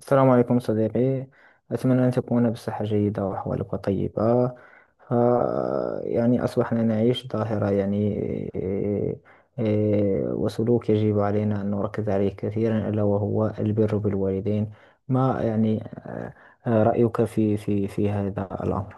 السلام عليكم صديقي. أتمنى أن تكون بصحة جيدة وأحوالك طيبة. ف يعني أصبحنا نعيش ظاهرة يعني إيه، إيه، وسلوك يجب علينا أن نركز عليه كثيرا، ألا وهو البر بالوالدين. ما يعني رأيك في هذا الأمر؟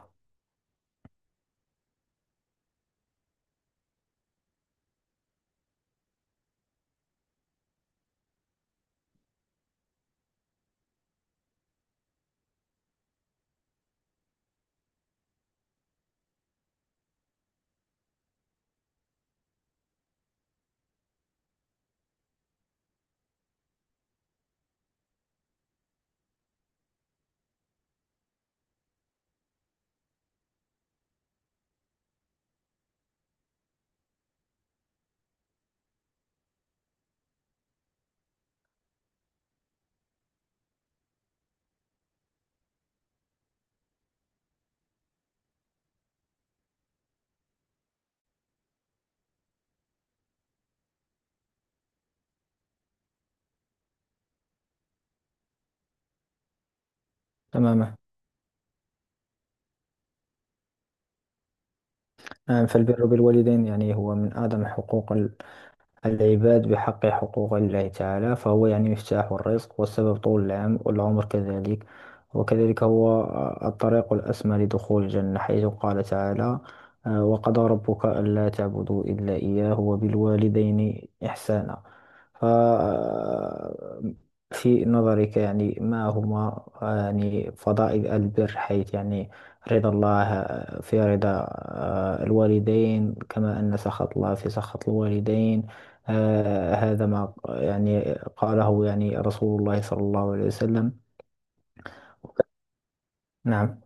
تماما. فالبر بالوالدين يعني هو من أعظم حقوق العباد بحق حقوق الله تعالى، فهو يعني مفتاح الرزق والسبب طول العام والعمر كذلك. وكذلك هو الطريق الأسمى لدخول الجنة، حيث قال تعالى وقضى ربك ألا تعبدوا إلا إياه وبالوالدين إحسانا. ف آه، في نظرك يعني ما هما يعني فضائل البر، حيث يعني رضا الله في رضا الوالدين، كما أن سخط الله في سخط الوالدين. هذا ما يعني قاله يعني رسول الله صلى الله عليه وسلم. نعم.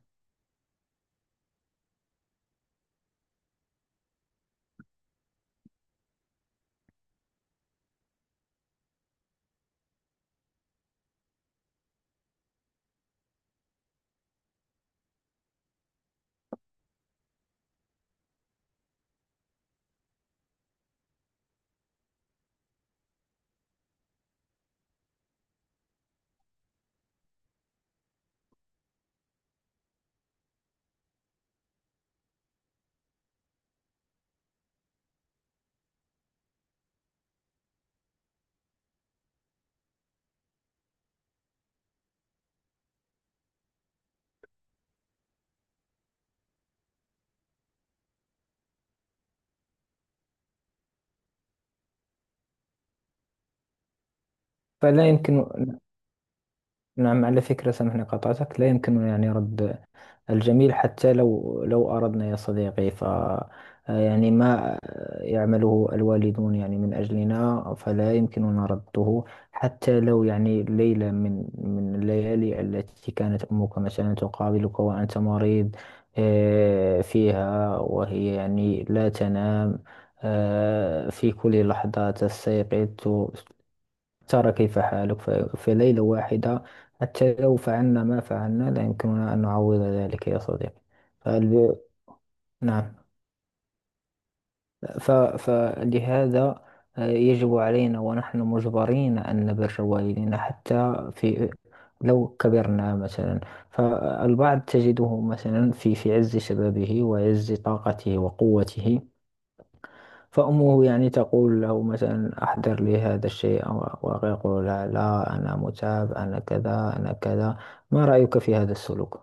فلا يمكن. نعم، على فكرة سامحني قطعتك، لا يمكن يعني رد الجميل حتى لو أردنا يا صديقي. يعني ما يعمله الوالدون يعني من أجلنا فلا يمكننا رده. حتى لو يعني ليلة من الليالي التي كانت أمك مثلا تقابلك وأنت مريض فيها، وهي يعني لا تنام. في كل لحظة تستيقظ ترى كيف حالك. في ليلة واحدة حتى لو فعلنا ما فعلنا لا يمكننا أن نعوض ذلك يا صديقي. فالب... نعم. ف... فلهذا يجب علينا ونحن مجبرين أن نبر والدينا حتى في لو كبرنا مثلا. فالبعض تجده مثلا في عز شبابه وعز طاقته وقوته، فأمه يعني تقول له مثلا أحضر لي هذا الشيء، ويقول لها لا، أنا متعب، أنا كذا أنا كذا. ما رأيك في هذا السلوك؟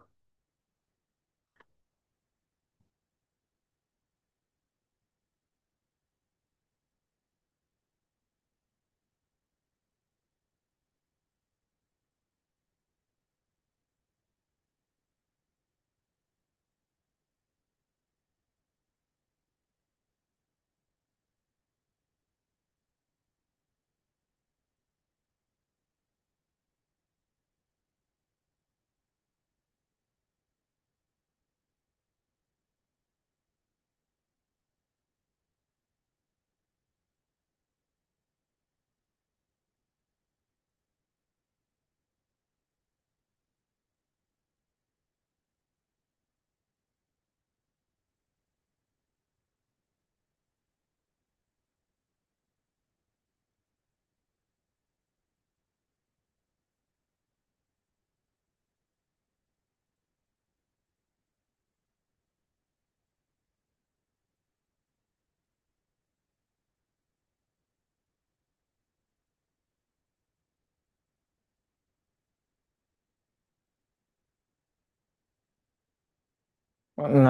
نعم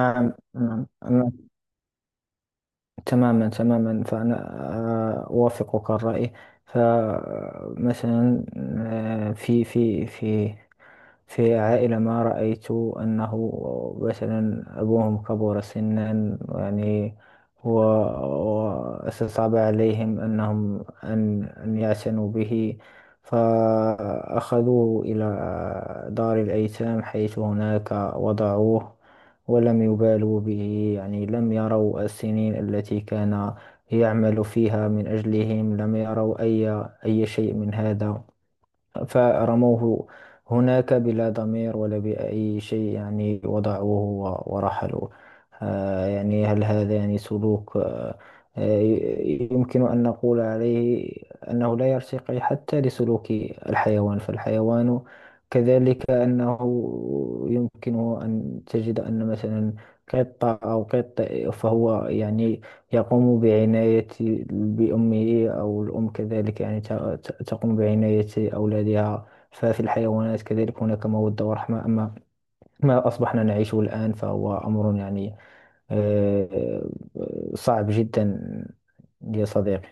نعم نعم. تماما تماما، فأنا أوافقك الرأي. فمثلا في في في في عائلة ما، رأيت أنه مثلا أبوهم كبر سنا، يعني هو، وصعب عليهم أنهم أن يعتنوا به، فأخذوه إلى دار الأيتام، حيث هناك وضعوه ولم يبالوا به. يعني لم يروا السنين التي كان يعمل فيها من أجلهم، لم يروا أي شيء من هذا، فرموه هناك بلا ضمير ولا بأي شيء. يعني وضعوه ورحلوا. يعني هل هذا يعني سلوك يمكن أن نقول عليه أنه لا يرتقي حتى لسلوك الحيوان؟ فالحيوان كذلك، أنه يمكنه أن تجد أن مثلا قطة أو قط فهو يعني يقوم بعناية بأمه، أو الأم كذلك يعني تقوم بعناية أولادها. ففي الحيوانات كذلك هناك مودة ورحمة. أما ما أصبحنا نعيشه الآن فهو أمر يعني آه، صعب جدا يا صديقي.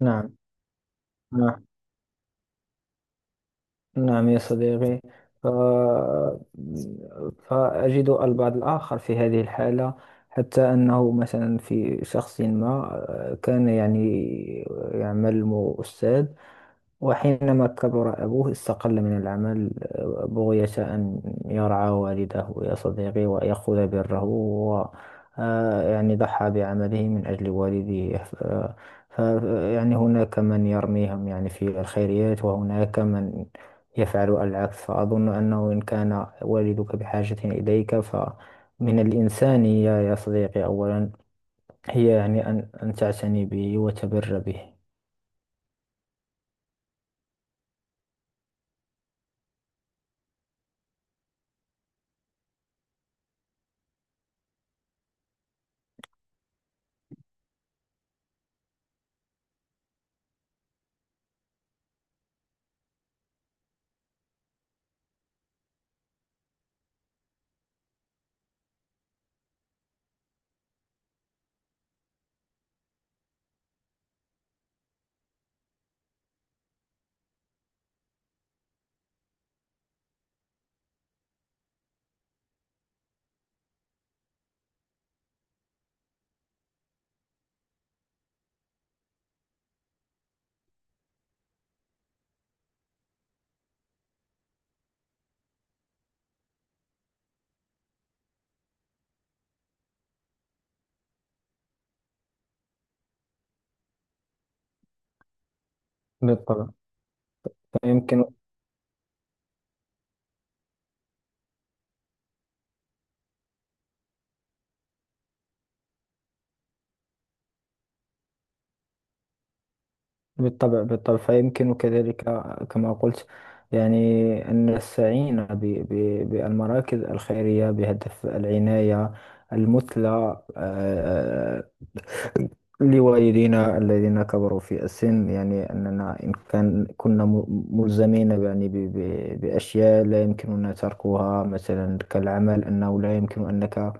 نعم. نعم يا صديقي. ف... فأجد البعض الآخر في هذه الحالة، حتى أنه مثلا في شخص ما كان يعني يعمل أستاذ، وحينما كبر أبوه استقل من العمل بغية أن يرعى والده يا صديقي ويأخذ بره. و آه، يعني ضحى بعمله من أجل والده. ف- يعني هناك من يرميهم يعني في الخيريات، وهناك من يفعل العكس. فأظن أنه إن كان والدك بحاجة إليك فمن الإنسانية يا صديقي أولا، هي يعني أن تعتني به وتبر به. بالطبع. فيمكن. بالطبع بالطبع. فيمكن كذلك، كما قلت، يعني أن السعين بالمراكز الخيرية بهدف العناية المثلى لوالدينا الذين كبروا في السن. يعني أننا إن كان كنا ملزمين يعني بأشياء لا يمكننا تركها مثلا كالعمل، أنه لا يمكن أنك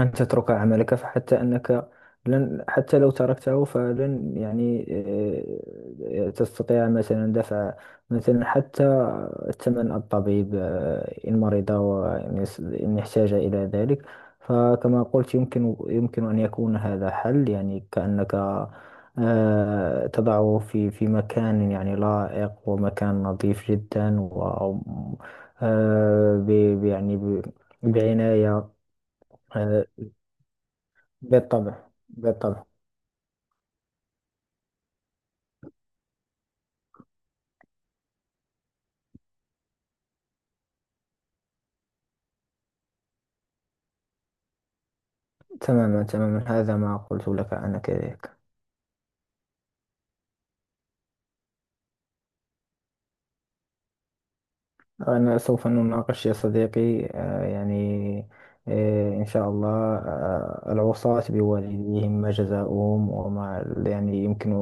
أن تترك عملك. فحتى أنك لن، حتى لو تركته فلن يعني تستطيع مثلا دفع مثلا حتى ثمن الطبيب إن مرض وإن إن احتاج إلى ذلك. فكما قلت، يمكن أن يكون هذا حل، يعني كأنك تضعه في مكان يعني لائق ومكان نظيف جدا و آه، ب- ب- يعني بعناية. آه، بالطبع بالطبع. تماما تماما، هذا ما قلت لك أنا كذلك. أنا سوف نناقش يا صديقي يعني إن شاء الله العصاة بوالديهم ما جزاؤهم، وما يعني يمكن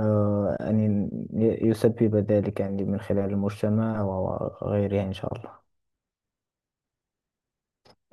أن يسبب ذلك يعني من خلال المجتمع وغيره، إن شاء الله.